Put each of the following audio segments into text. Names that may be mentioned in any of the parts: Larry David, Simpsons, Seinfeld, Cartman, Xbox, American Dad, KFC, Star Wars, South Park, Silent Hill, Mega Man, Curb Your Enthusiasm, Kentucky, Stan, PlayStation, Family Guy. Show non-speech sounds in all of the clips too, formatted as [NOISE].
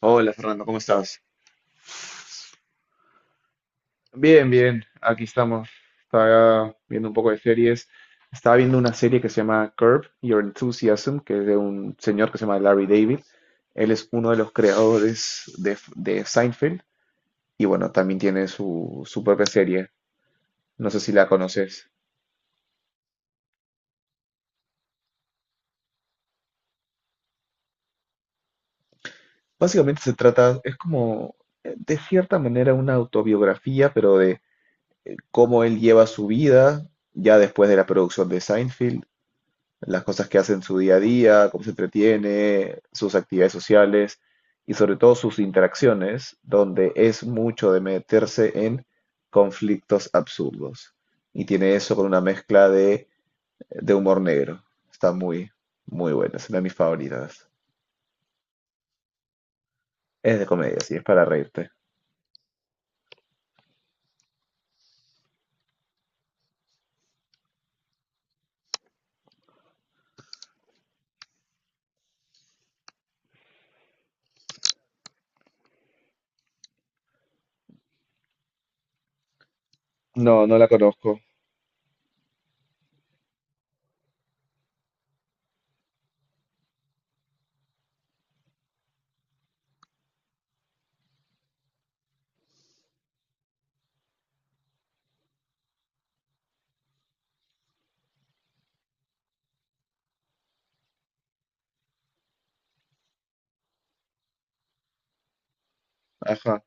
Hola Fernando, ¿cómo estás? Bien, bien, aquí estamos. Estaba viendo un poco de series. Estaba viendo una serie que se llama Curb Your Enthusiasm, que es de un señor que se llama Larry David. Él es uno de los creadores de Seinfeld y bueno, también tiene su propia serie. No sé si la conoces. Básicamente se trata, es como, de cierta manera, una autobiografía, pero de cómo él lleva su vida ya después de la producción de Seinfeld, las cosas que hace en su día a día, cómo se entretiene, sus actividades sociales y sobre todo sus interacciones, donde es mucho de meterse en conflictos absurdos. Y tiene eso con una mezcla de humor negro. Está muy buena, es una de mis favoritas. Es de comedia, sí, es para reírte. No, no la conozco. Ajá.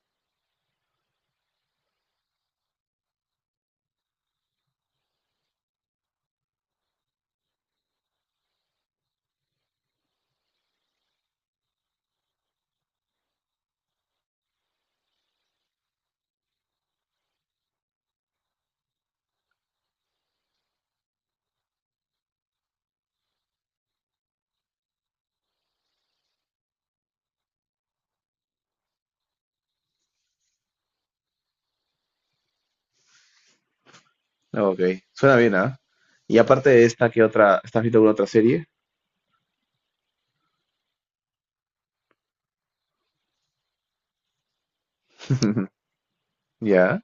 Ok, suena bien, ¿ah? Y aparte de esta, ¿qué otra? ¿Estás viendo alguna otra serie? [LAUGHS] Ya.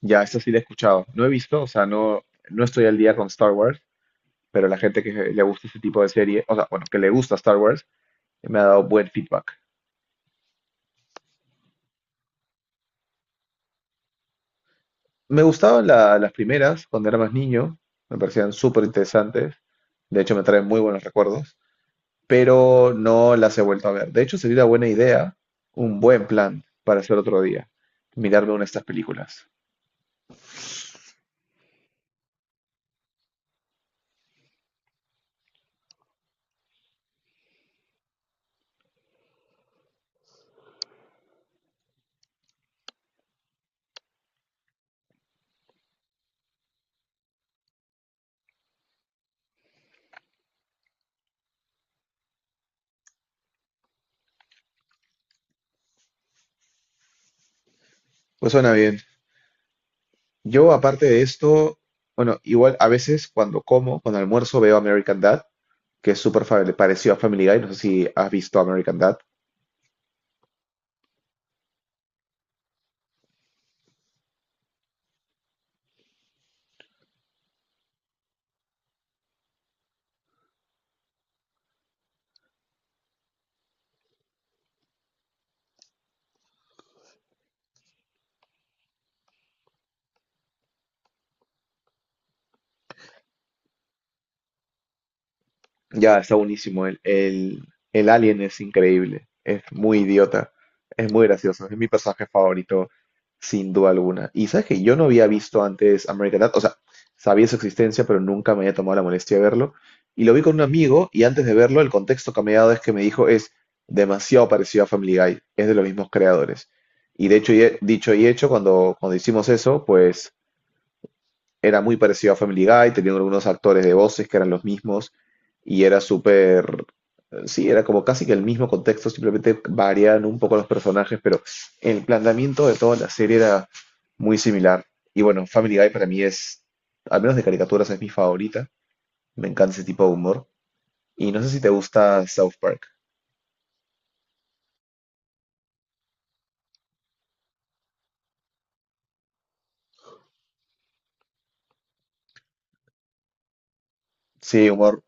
Ya, esta sí la he escuchado. No he visto, o sea, no, no estoy al día con Star Wars, pero la gente que le gusta este tipo de serie, o sea, bueno, que le gusta Star Wars, me ha dado buen feedback. Me gustaban las primeras cuando era más niño, me parecían súper interesantes, de hecho me traen muy buenos recuerdos, pero no las he vuelto a ver. De hecho, sería una buena idea, un buen plan para hacer otro día, mirarme una de estas películas. Pues suena bien. Yo, aparte de esto, bueno, igual a veces cuando como, cuando almuerzo veo American Dad, que es parecido a Family Guy. No sé si has visto American Dad. Ya, está buenísimo. El alien es increíble. Es muy idiota. Es muy gracioso. Es mi personaje favorito, sin duda alguna. Y sabes que yo no había visto antes American Dad. O sea, sabía su existencia, pero nunca me había tomado la molestia de verlo. Y lo vi con un amigo y antes de verlo, el contexto que me ha dado es que me dijo, es demasiado parecido a Family Guy. Es de los mismos creadores. Y de hecho, dicho y hecho, cuando, cuando hicimos eso, pues era muy parecido a Family Guy, teniendo algunos actores de voces que eran los mismos y era súper, sí, era como casi que el mismo contexto, simplemente variaban un poco los personajes, pero el planteamiento de toda la serie era muy similar. Y bueno, Family Guy para mí es, al menos de caricaturas, es mi favorita. Me encanta ese tipo de humor. Y no sé si te gusta South Park. Sí, humor.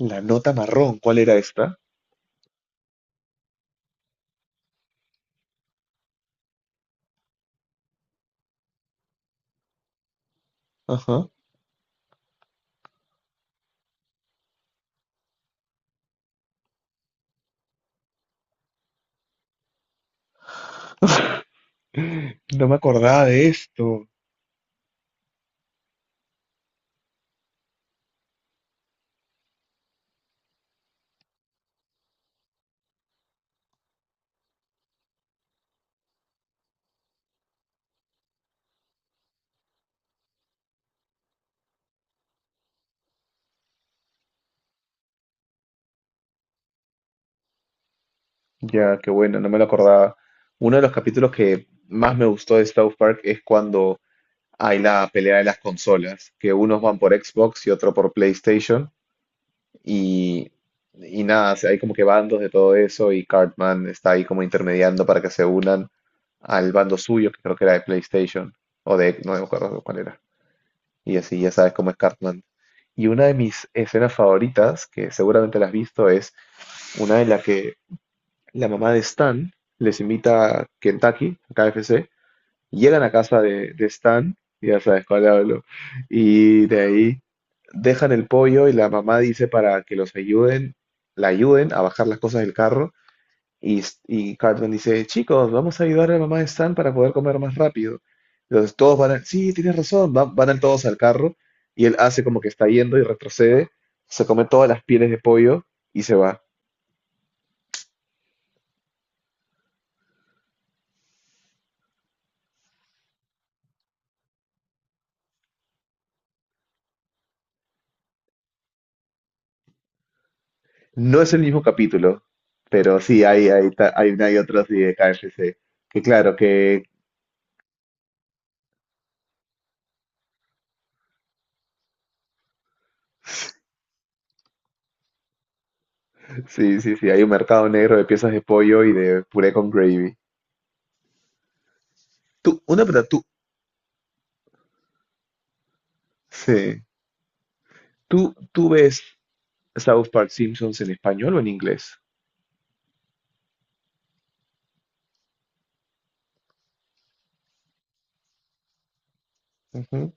La nota marrón, ¿cuál era esta? Ajá. No me acordaba de esto. Ya, qué bueno, no me lo acordaba. Uno de los capítulos que más me gustó de South Park es cuando hay la pelea de las consolas, que unos van por Xbox y otro por PlayStation, y, y nada, o sea, hay como que bandos de todo eso, y Cartman está ahí como intermediando para que se unan al bando suyo, que creo que era de PlayStation, o de, no me acuerdo cuál era, y así ya sabes cómo es Cartman. Y una de mis escenas favoritas, que seguramente la has visto, es una en la que la mamá de Stan les invita a Kentucky, a KFC, llegan a casa de Stan, ya sabes cuál hablo, y de ahí dejan el pollo y la mamá dice para que los ayuden, la ayuden a bajar las cosas del carro y Cartman dice, chicos, vamos a ayudar a la mamá de Stan para poder comer más rápido. Entonces todos van, a- sí, tienes razón, van, van todos al carro y él hace como que está yendo y retrocede, se come todas las pieles de pollo y se va. No es el mismo capítulo, pero sí hay, hay una y otra así de KFC. Que claro que sí, sí, sí, hay un mercado negro de piezas de pollo y de puré con gravy. Tú, una pregunta, tú, sí. ¿Tú ves South Park, Simpsons en español o en inglés? Ujú.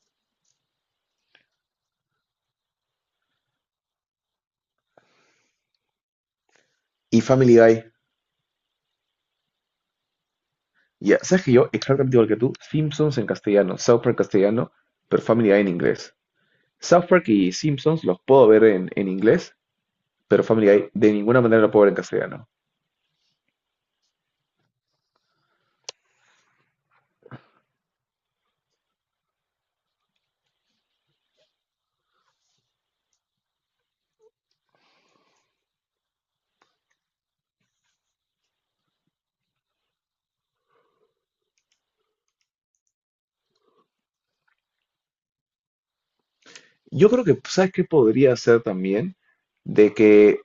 Y Family Guy. Ya, sabes que yo, exactamente igual que tú, Simpsons en castellano, South Park castellano, pero Family Guy en inglés. South Park y Simpsons los puedo ver en inglés, pero Family Guy de ninguna manera lo puedo ver en castellano. Yo creo que, pues, ¿sabes qué podría ser también? De que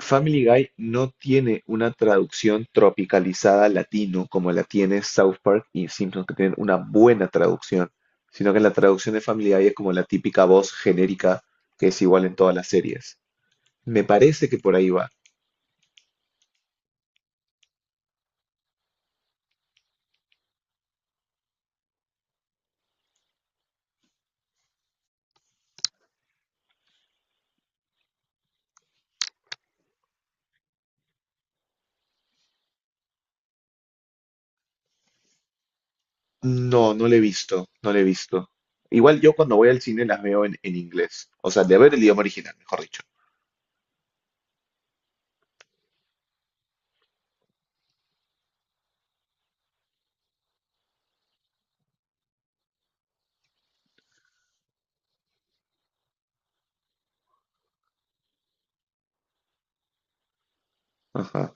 Family Guy no tiene una traducción tropicalizada al latino como la tiene South Park y Simpsons, que tienen una buena traducción, sino que la traducción de Family Guy es como la típica voz genérica que es igual en todas las series. Me parece que por ahí va. No, no le he visto, no le he visto. Igual yo cuando voy al cine las veo en inglés, o sea, de ver el idioma original, mejor dicho. Ajá,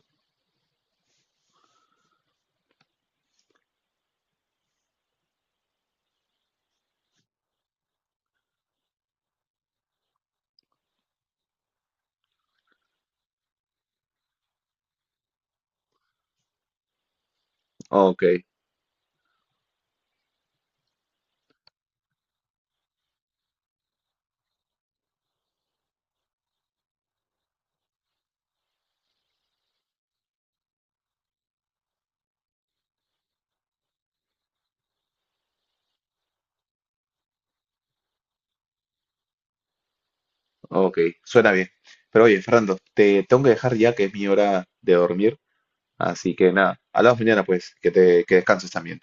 ok. Ok, suena bien. Pero oye, Fernando, te tengo que dejar ya que es mi hora de dormir. Así que nada, hablamos mañana pues, que te que descanses también.